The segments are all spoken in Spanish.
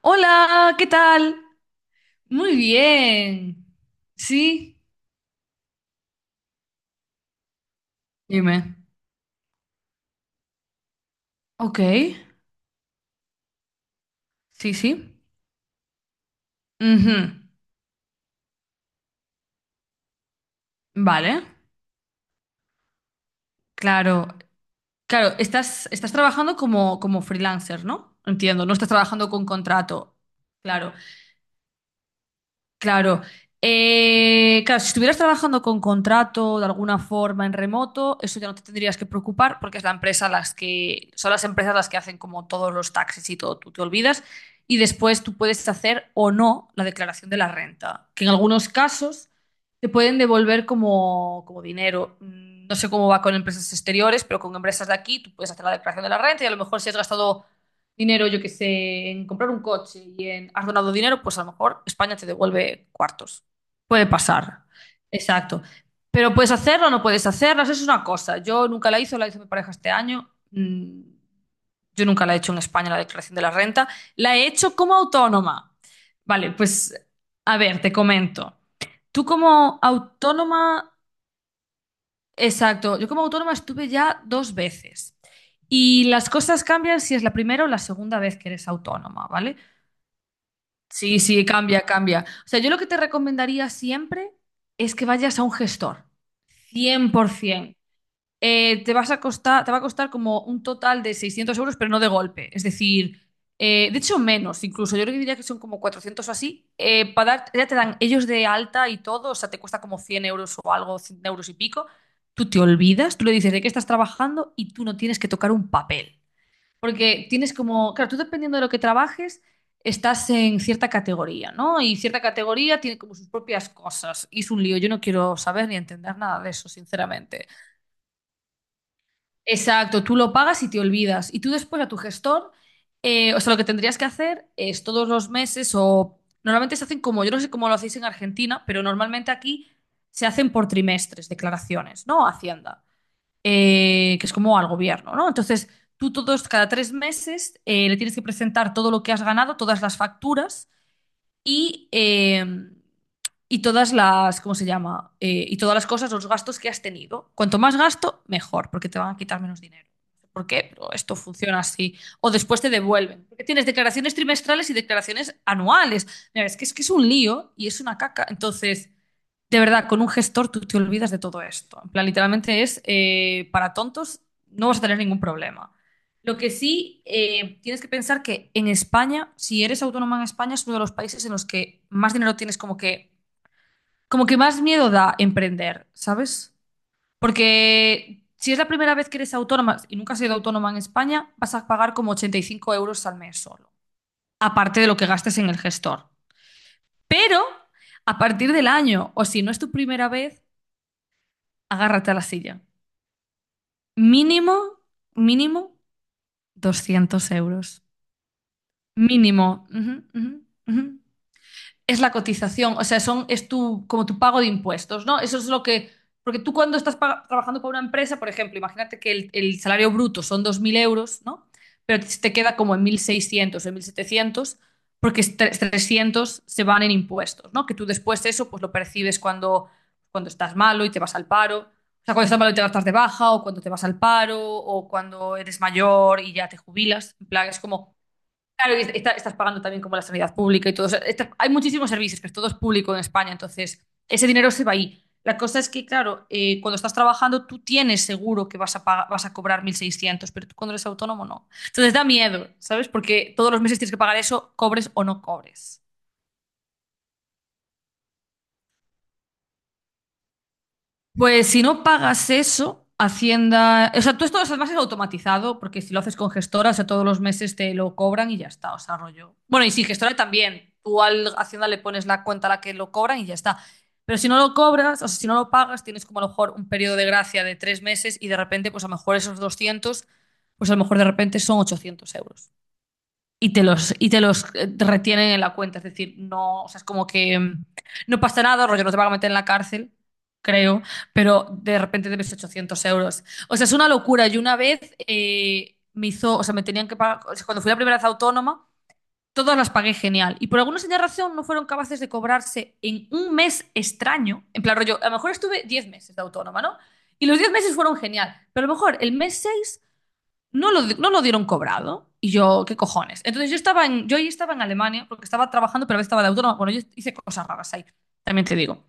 Hola, ¿qué tal? Muy bien. Sí. Dime. Ok, sí, sí. Ujú. Vale, claro. Claro, estás trabajando como freelancer, ¿no? Entiendo, no estás trabajando con contrato. Claro. Claro. Claro, si estuvieras trabajando con contrato de alguna forma en remoto, eso ya no te tendrías que preocupar porque es la empresa las que, son las empresas las que hacen como todos los taxis y todo, tú te olvidas. Y después tú puedes hacer o no la declaración de la renta, que en algunos casos te pueden devolver como dinero. Mm, no sé cómo va con empresas exteriores, pero con empresas de aquí tú puedes hacer la declaración de la renta y a lo mejor si has gastado dinero, yo que sé, en comprar un coche y en has donado dinero, pues a lo mejor España te devuelve cuartos. Puede pasar. Exacto. Pero puedes hacerlo o no puedes hacerlo, eso es una cosa. Yo nunca la hice, la hizo mi pareja este año. Mm. Yo nunca la he hecho en España, la declaración de la renta. La he hecho como autónoma. Vale, pues a ver, te comento. Tú como autónoma. Exacto. Yo como autónoma estuve ya dos veces. Y las cosas cambian si es la primera o la segunda vez que eres autónoma, ¿vale? Sí, sí, cambia, cambia. O sea, yo lo que te recomendaría siempre es que vayas a un gestor, 100%. Te vas a costar, te va a costar como un total de 600 euros, pero no de golpe. Es decir, de hecho menos incluso. Yo creo que diría que son como 400 o así. Para dar, ya te dan ellos de alta y todo, o sea, te cuesta como 100 euros o algo, 100 euros y pico. Tú te olvidas, tú le dices de qué estás trabajando y tú no tienes que tocar un papel. Porque tienes como, claro, tú dependiendo de lo que trabajes, estás en cierta categoría, ¿no? Y cierta categoría tiene como sus propias cosas. Y es un lío, yo no quiero saber ni entender nada de eso, sinceramente. Exacto, tú lo pagas y te olvidas. Y tú después a tu gestor, o sea, lo que tendrías que hacer es todos los meses o normalmente se hacen como, yo no sé cómo lo hacéis en Argentina, pero normalmente aquí se hacen por trimestres declaraciones, ¿no? Hacienda, que es como al gobierno, ¿no? Entonces, tú todos, cada tres meses, le tienes que presentar todo lo que has ganado, todas las facturas y, eh, y todas las, ¿cómo se llama? Y todas las cosas, los gastos que has tenido. Cuanto más gasto, mejor, porque te van a quitar menos dinero. No sé ¿por qué? Pero esto funciona así. O después te devuelven. Porque tienes declaraciones trimestrales y declaraciones anuales. Mira, es que es un lío y es una caca. Entonces, de verdad, con un gestor tú te olvidas de todo esto. En plan, literalmente es para tontos, no vas a tener ningún problema. Lo que sí tienes que pensar que en España, si eres autónoma en España, es uno de los países en los que más dinero tienes, como que más miedo da emprender, ¿sabes? Porque si es la primera vez que eres autónoma y nunca has sido autónoma en España, vas a pagar como 85 euros al mes solo, aparte de lo que gastes en el gestor. Pero a partir del año, o si no es tu primera vez, agárrate a la silla. Mínimo, mínimo 200 euros. Mínimo. Ujú, ujú, ujú. Es la cotización, o sea, son, es tu, como tu pago de impuestos, ¿no? Eso es lo que, porque tú cuando estás trabajando con una empresa, por ejemplo, imagínate que el salario bruto son 2.000 euros, ¿no? Pero te queda como en 1.600 o en 1.700 porque 300 se van en impuestos, ¿no? Que tú después eso pues lo percibes cuando, cuando estás malo y te vas al paro. O sea, cuando estás malo y te vas de baja, o cuando te vas al paro, o cuando eres mayor y ya te jubilas. En plan, es como. Claro, y estás pagando también como la sanidad pública y todo. O sea, hay muchísimos servicios, que es todo es público en España, entonces ese dinero se va ahí. La cosa es que, claro, cuando estás trabajando tú tienes seguro que vas a, vas a cobrar 1.600, pero tú cuando eres autónomo no. Entonces da miedo, ¿sabes? Porque todos los meses tienes que pagar eso, cobres o no cobres. Pues si no pagas eso, Hacienda. O sea, tú esto además es automatizado, porque si lo haces con gestora, o sea, todos los meses te lo cobran y ya está, o sea, rollo. Bueno, y si gestora también. Tú al Hacienda le pones la cuenta a la que lo cobran y ya está. Pero si no lo cobras, o sea, si no lo pagas, tienes como a lo mejor un periodo de gracia de 3 meses y de repente, pues a lo mejor esos 200, pues a lo mejor de repente son 800 euros y te los retienen en la cuenta. Es decir, no, o sea, es como que mm, no pasa nada, rollo, no te van a meter en la cárcel, creo, pero de repente debes 800 euros. O sea, es una locura. Y una vez me hizo, o sea, me tenían que pagar, o sea, cuando fui la primera vez autónoma, todas las pagué genial. Y por alguna señal razón no fueron capaces de cobrarse en un mes extraño. En plan, rollo, a lo mejor estuve 10 meses de autónoma, ¿no? Y los 10 meses fueron genial, pero a lo mejor el mes 6 no lo dieron cobrado. Y yo, ¿qué cojones? Entonces yo ahí estaba en Alemania porque estaba trabajando, pero a veces estaba de autónoma. Bueno, yo hice cosas raras ahí, también te digo.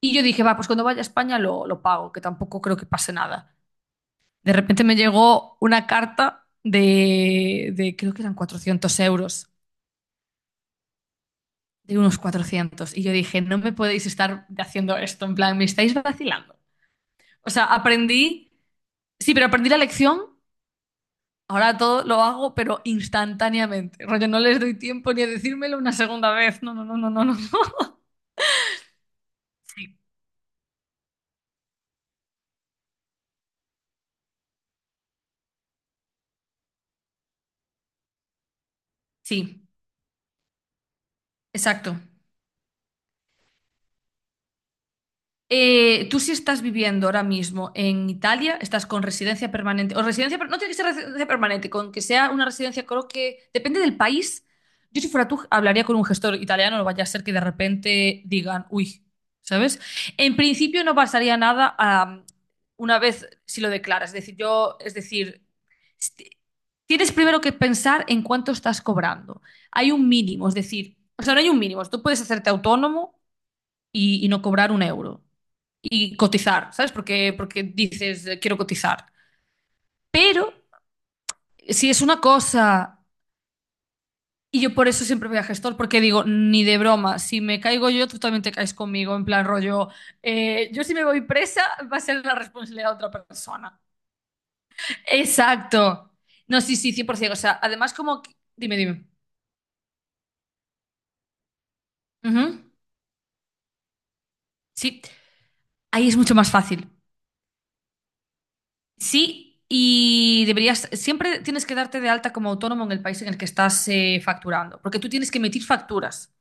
Y yo dije, va, pues cuando vaya a España lo pago, que tampoco creo que pase nada. De repente me llegó una carta de creo que eran 400 euros, de unos 400. Y yo dije, no me podéis estar haciendo esto, en plan, me estáis vacilando. O sea, aprendí, sí, pero aprendí la lección. Ahora todo lo hago, pero instantáneamente. Rollo, no les doy tiempo ni a decírmelo una segunda vez. No, no, no, no, no, no. No. Sí, sí, exacto. Tú si estás viviendo ahora mismo en Italia, estás con residencia permanente, o residencia, no tiene que ser residencia permanente, con que sea una residencia, creo que depende del país. Yo si fuera tú hablaría con un gestor italiano, no vaya a ser que de repente digan, uy, ¿sabes? En principio no pasaría nada una vez si lo declaras, es decir, yo, es decir, st- tienes primero que pensar en cuánto estás cobrando. Hay un mínimo, es decir, o sea, no hay un mínimo, tú puedes hacerte autónomo y no cobrar un euro y cotizar, ¿sabes? Porque, porque dices, quiero cotizar. Pero si es una cosa, y yo por eso siempre voy a gestor, porque digo, ni de broma, si me caigo yo, tú también te caes conmigo, en plan rollo, yo si me voy presa, va a ser la responsabilidad de otra persona. Exacto. No, sí, sí, 100%. O sea, además como... Dime, dime. Ujú. Sí, ahí es mucho más fácil. Sí, y deberías, siempre tienes que darte de alta como autónomo en el país en el que estás facturando, porque tú tienes que emitir facturas.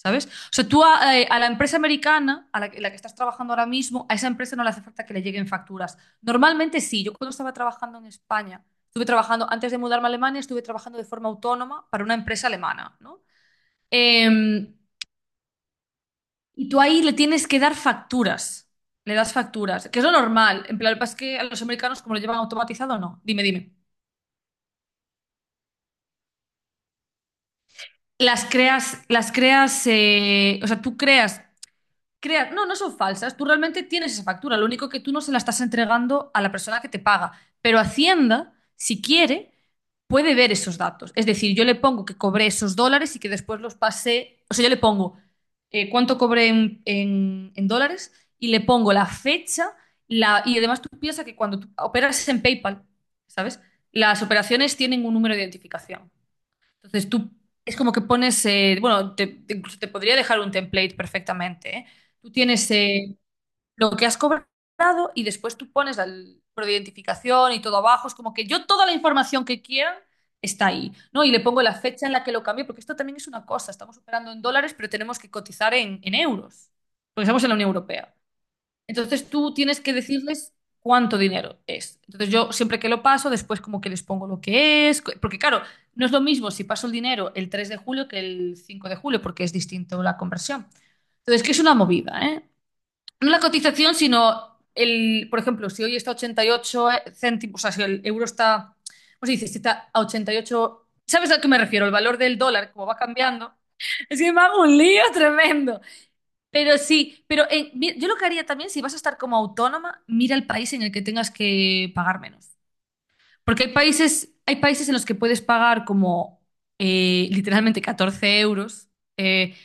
¿Sabes? O sea, a la empresa americana, a la que estás trabajando ahora mismo, a esa empresa no le hace falta que le lleguen facturas. Normalmente sí. Yo cuando estaba trabajando en España, estuve trabajando, antes de mudarme a Alemania, estuve trabajando de forma autónoma para una empresa alemana, ¿no? Eh, y tú ahí le tienes que dar facturas. Le das facturas, que es lo normal. En plan, lo que pasa es que a los americanos, como lo llevan automatizado, no. Dime, dime. Las creas, o sea, no, no son falsas, tú realmente tienes esa factura, lo único que tú no se la estás entregando a la persona que te paga, pero Hacienda, si quiere, puede ver esos datos. Es decir, yo le pongo que cobré esos dólares y que después los pasé, o sea, yo le pongo cuánto cobré en dólares y le pongo la fecha y además tú piensas que cuando tú operas en PayPal, ¿sabes? Las operaciones tienen un número de identificación. Entonces tú es como que pones, bueno, incluso te podría dejar un template perfectamente, ¿eh? Tú tienes lo que has cobrado y después tú pones el número de identificación y todo abajo. Es como que yo toda la información que quieran está ahí, ¿no? Y le pongo la fecha en la que lo cambié, porque esto también es una cosa. Estamos operando en dólares, pero tenemos que cotizar en euros, porque estamos en la Unión Europea. Entonces tú tienes que decirles cuánto dinero es. Entonces yo siempre que lo paso, después como que les pongo lo que es, porque claro, no es lo mismo si paso el dinero el 3 de julio que el 5 de julio, porque es distinto la conversión. Entonces, que es una movida, ¿eh? No la cotización, sino el, por ejemplo, si hoy está a 88 céntimos, o sea, si el euro está, ¿cómo se dice? ¿Si está a 88? ¿Sabes a qué me refiero? El valor del dólar, como va cambiando. Es que me hago un lío tremendo. Pero sí, pero yo lo que haría también, si vas a estar como autónoma, mira el país en el que tengas que pagar menos. Porque hay países en los que puedes pagar como literalmente 14 euros eh,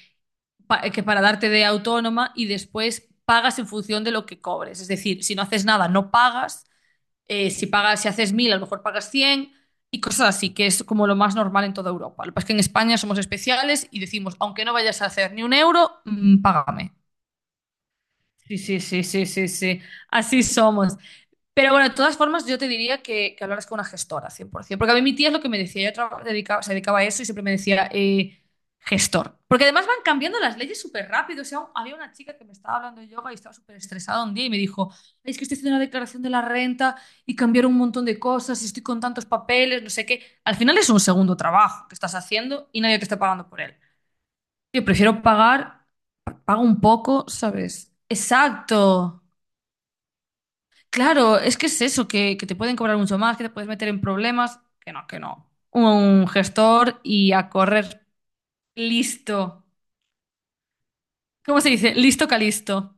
que para darte de autónoma y después pagas en función de lo que cobres. Es decir, si no haces nada, no pagas. Si pagas, si haces 1000 a lo mejor pagas 100 y cosas así, que es como lo más normal en toda Europa. Lo que pasa es que en España somos especiales y decimos, aunque no vayas a hacer ni un euro, mm, págame. Sí, sí, sí, sí, sí, sí. Así somos. Pero bueno, de todas formas, yo te diría que hablaras con una gestora, 100%. Porque a mí mi tía es lo que me decía. Ella se dedicaba a eso y siempre me decía gestor. Porque además van cambiando las leyes súper rápido. O sea, había una chica que me estaba hablando de yoga y estaba súper estresada un día y me dijo, "Ay, es que estoy haciendo una declaración de la renta y cambiaron un montón de cosas y estoy con tantos papeles, no sé qué. Al final es un segundo trabajo que estás haciendo y nadie te está pagando por él." Yo prefiero pagar, pago un poco, ¿sabes? Exacto. Claro, es que es eso, que te pueden cobrar mucho más, que te puedes meter en problemas, que no, que no. Un gestor y a correr. Listo. ¿Cómo se dice? Listo, calisto.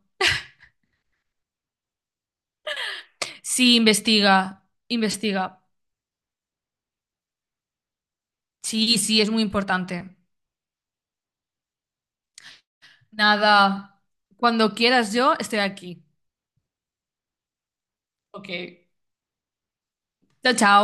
Sí, investiga, investiga. Sí, sí, es muy importante. Nada, cuando quieras yo estoy aquí. Ok. Chao, chao.